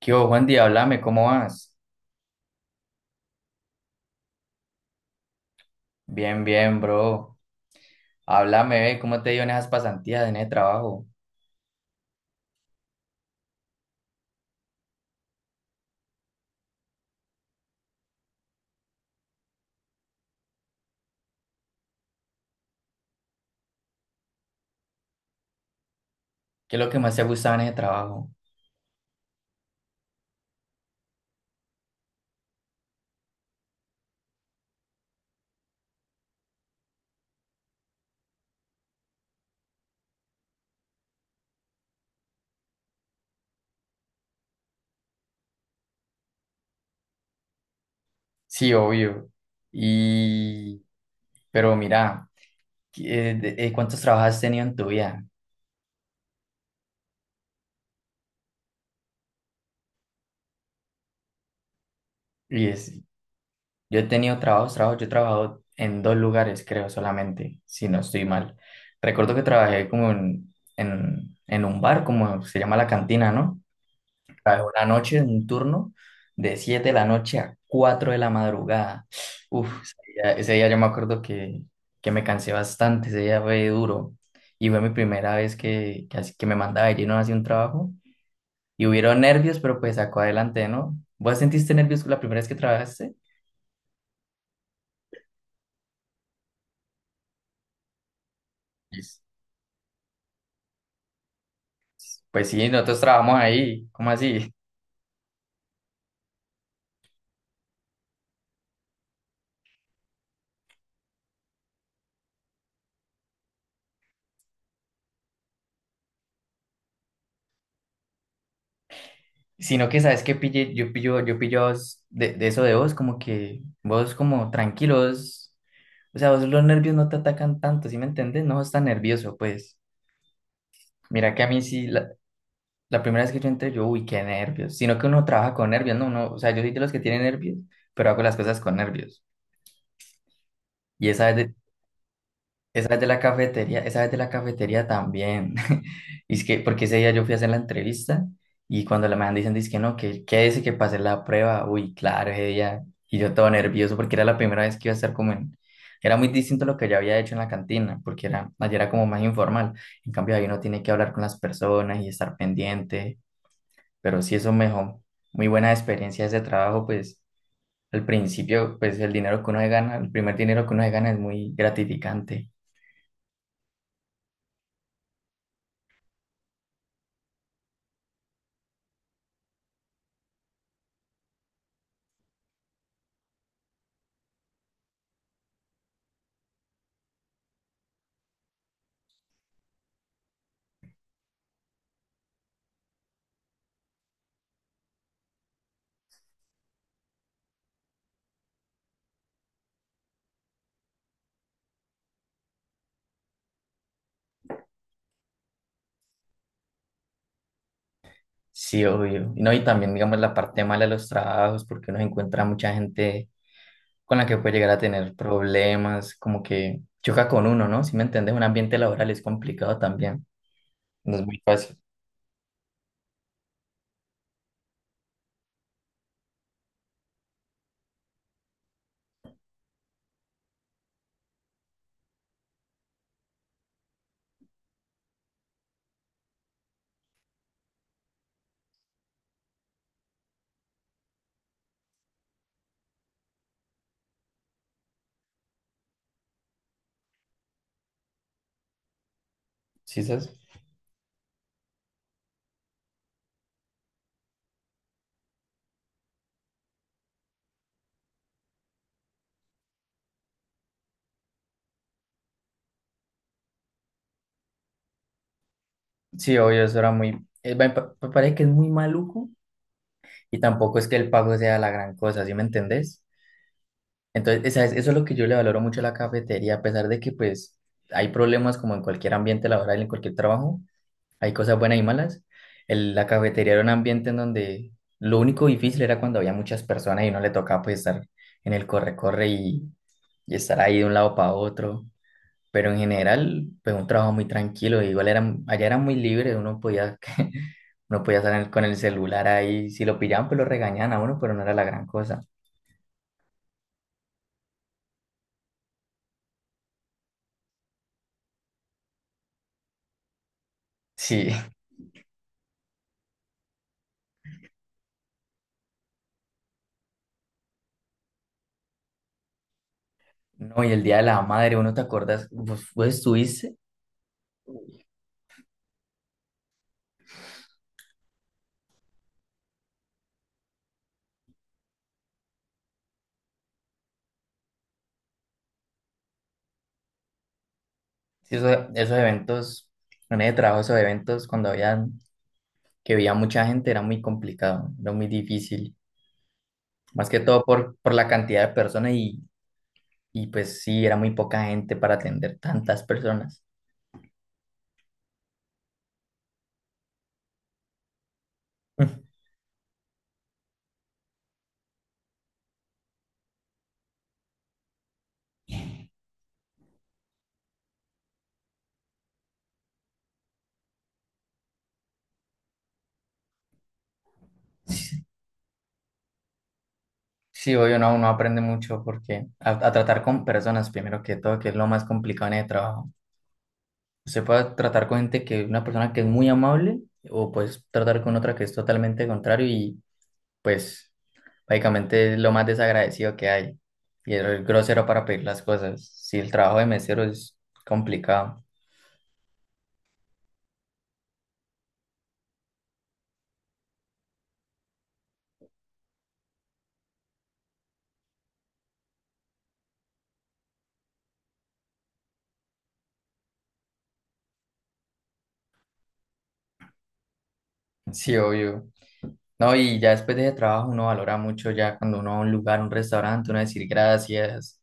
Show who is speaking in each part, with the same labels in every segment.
Speaker 1: ¿Qué hubo, Juan Di? Háblame, ¿cómo vas? Bien, bien, bro. Háblame, ve, ¿cómo te dio en esas pasantías, en ese trabajo? ¿Qué es lo que más te ha gustado en ese trabajo? Sí, obvio. Y, pero mira, ¿cuántos trabajos has tenido en tu vida? Y es- yo he tenido yo he trabajado en dos lugares, creo, solamente, si no estoy mal. Recuerdo que trabajé como en un bar, como se llama la cantina, ¿no? ¿Sabes? Una noche, un turno de 7 de la noche a 4 de la madrugada. Uf, ese día yo me acuerdo que me cansé bastante, ese día fue duro. Y fue mi primera vez que me mandaba de lleno hacia un trabajo. Y hubieron nervios, pero pues sacó adelante, ¿no? ¿Vos sentiste nervios la primera vez que trabajaste? Pues pues sí, nosotros trabajamos ahí, ¿cómo así? Sino que sabes que pille, yo pillo a vos de eso de vos, como que vos como tranquilos. O sea, vos los nervios no te atacan tanto, ¿sí me entiendes? No estás nervioso, pues. Mira que a mí sí, la primera vez que yo entré, yo, uy, qué nervios. Sino que uno trabaja con nervios, no, uno. O sea, yo soy de los que tienen nervios, pero hago las cosas con nervios. Y esa vez de- Esa vez de la cafetería, esa vez de la cafetería también. Y es que, porque ese día yo fui a hacer la entrevista y cuando la me dicen, dice que no, que quédese que pasé la prueba. Uy, claro, ese día. Y yo todo nervioso porque era la primera vez que iba a estar como en... Era muy distinto a lo que ya había hecho en la cantina, porque era, allá era como más informal. En cambio, ahí uno tiene que hablar con las personas y estar pendiente. Pero sí, eso mejor. Muy buena experiencia ese trabajo, pues al principio, pues el dinero que uno se gana, el primer dinero que uno se gana es muy gratificante. Sí, obvio. Y no, y también, digamos, la parte mala de los trabajos, porque uno encuentra mucha gente con la que puede llegar a tener problemas, como que choca con uno, ¿no? Si me entiendes, un ambiente laboral es complicado también. No es muy fácil, ¿sí sabes? Sí, obvio, eso era muy... me me parece que es muy maluco y tampoco es que el pago sea la gran cosa, ¿sí me entendés? Entonces, eso es lo que yo le valoro mucho a la cafetería, a pesar de que pues hay problemas como en cualquier ambiente laboral, en cualquier trabajo. Hay cosas buenas y malas. La cafetería era un ambiente en donde lo único difícil era cuando había muchas personas y no le tocaba pues estar en el corre-corre y estar ahí de un lado para otro. Pero en general, pues un trabajo muy tranquilo. Igual era, allá era muy libre, uno podía, uno podía salir con el celular ahí. Si lo pillaban, pues lo regañaban a uno, pero no era la gran cosa. Sí, no, y el Día de la Madre, ¿uno te acuerdas? ¿Vos, vos estuviste? Sí, esos eventos, en ese trabajo, esos eventos cuando habían que veía mucha gente era muy complicado, era muy difícil, más que todo por la cantidad de personas y pues sí, era muy poca gente para atender tantas personas. Sí, obvio, no, uno aprende mucho porque a tratar con personas, primero que todo, que es lo más complicado en el trabajo. Se puede tratar con gente que una persona que es muy amable o pues tratar con otra que es totalmente contrario y pues básicamente es lo más desagradecido que hay y es grosero para pedir las cosas. Sí, el trabajo de mesero es complicado. Sí, obvio. No, y ya después de ese trabajo uno valora mucho ya cuando uno va a un lugar, un restaurante, uno decir gracias,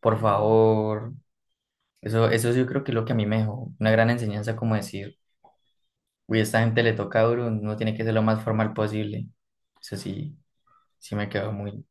Speaker 1: por favor. Eso yo creo que es lo que a mí me dejó una gran enseñanza como decir, uy, a esta gente le toca duro, uno tiene que ser lo más formal posible. Eso sí, sí me quedó muy...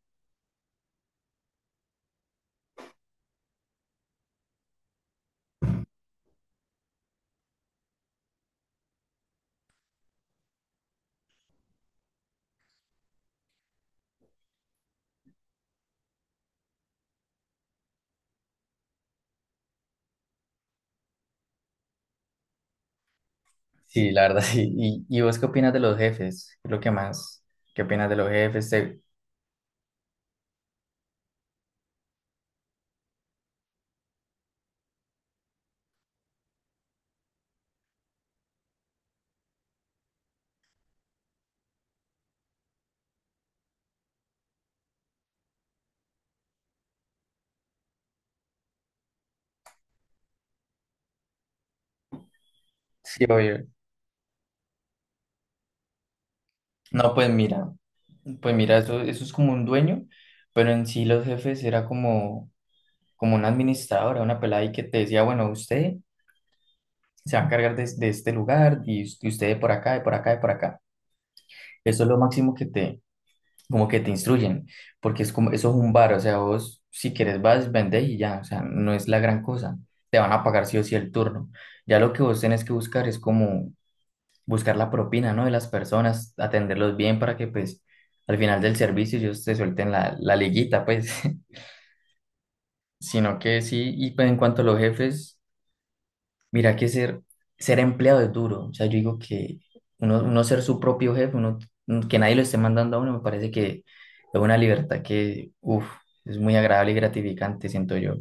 Speaker 1: Sí, la verdad, sí. Y vos qué opinas de los jefes? ¿Qué es lo que más? ¿Qué opinas de los jefes? Sí, obvio. No, pues mira, eso es como un dueño, pero en sí los jefes era como... como una administradora, una pelada ahí que te decía, bueno, usted se va a encargar de este lugar y, y usted de por acá, de por acá, de por acá. Eso es lo máximo que te, como que te instruyen, porque es como, eso es un bar, o sea, vos si quieres vas, vendés y ya, o sea, no es la gran cosa. Te van a pagar sí o sí el turno. Ya lo que vos tenés que buscar es como buscar la propina, ¿no? De las personas, atenderlos bien para que pues al final del servicio ellos te suelten la, la liguita, pues. Sino que sí, y pues en cuanto a los jefes, mira que ser empleado es duro. O sea, yo digo que uno ser su propio jefe, uno, que nadie lo esté mandando a uno, me parece que es una libertad que, uff, es muy agradable y gratificante, siento yo.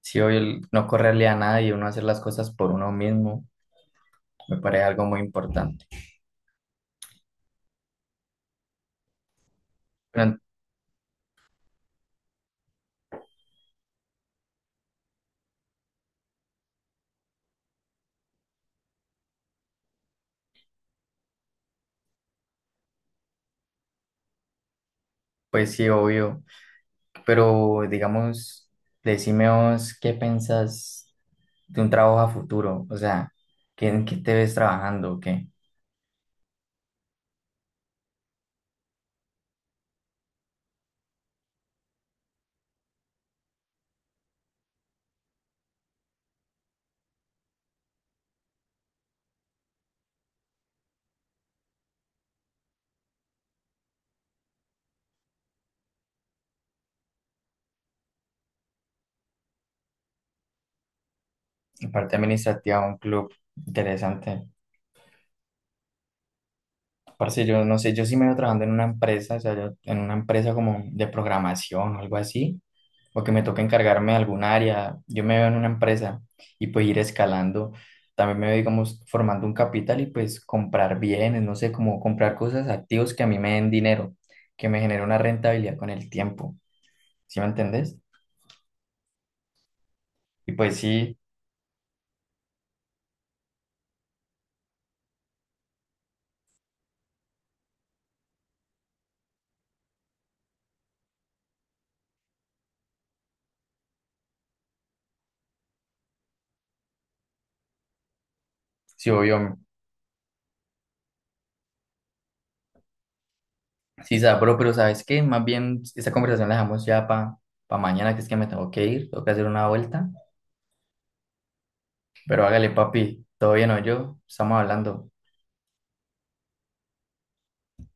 Speaker 1: Si hoy el no correrle a nadie, uno hacer las cosas por uno mismo, me parece algo muy importante. Pero, pues sí, obvio. Pero digamos, decime vos, ¿qué pensás de un trabajo a futuro? O sea, ¿en qué te ves trabajando? O ¿qué? En parte administrativa, un club interesante. Parce, yo no sé, yo sí me veo trabajando en una empresa, o sea, yo en una empresa como de programación o algo así, o que me toca encargarme de algún área, yo me veo en una empresa y pues ir escalando, también me veo, digamos, formando un capital y pues comprar bienes, no sé, como comprar cosas, activos que a mí me den dinero, que me genere una rentabilidad con el tiempo, ¿sí me entendés? Y pues sí, sí, obvio, sí, sabro, pero ¿sabes qué? Más bien esta conversación la dejamos ya para mañana, que es que me tengo que ir, tengo que hacer una vuelta. Pero hágale, papi, todavía no yo, estamos hablando.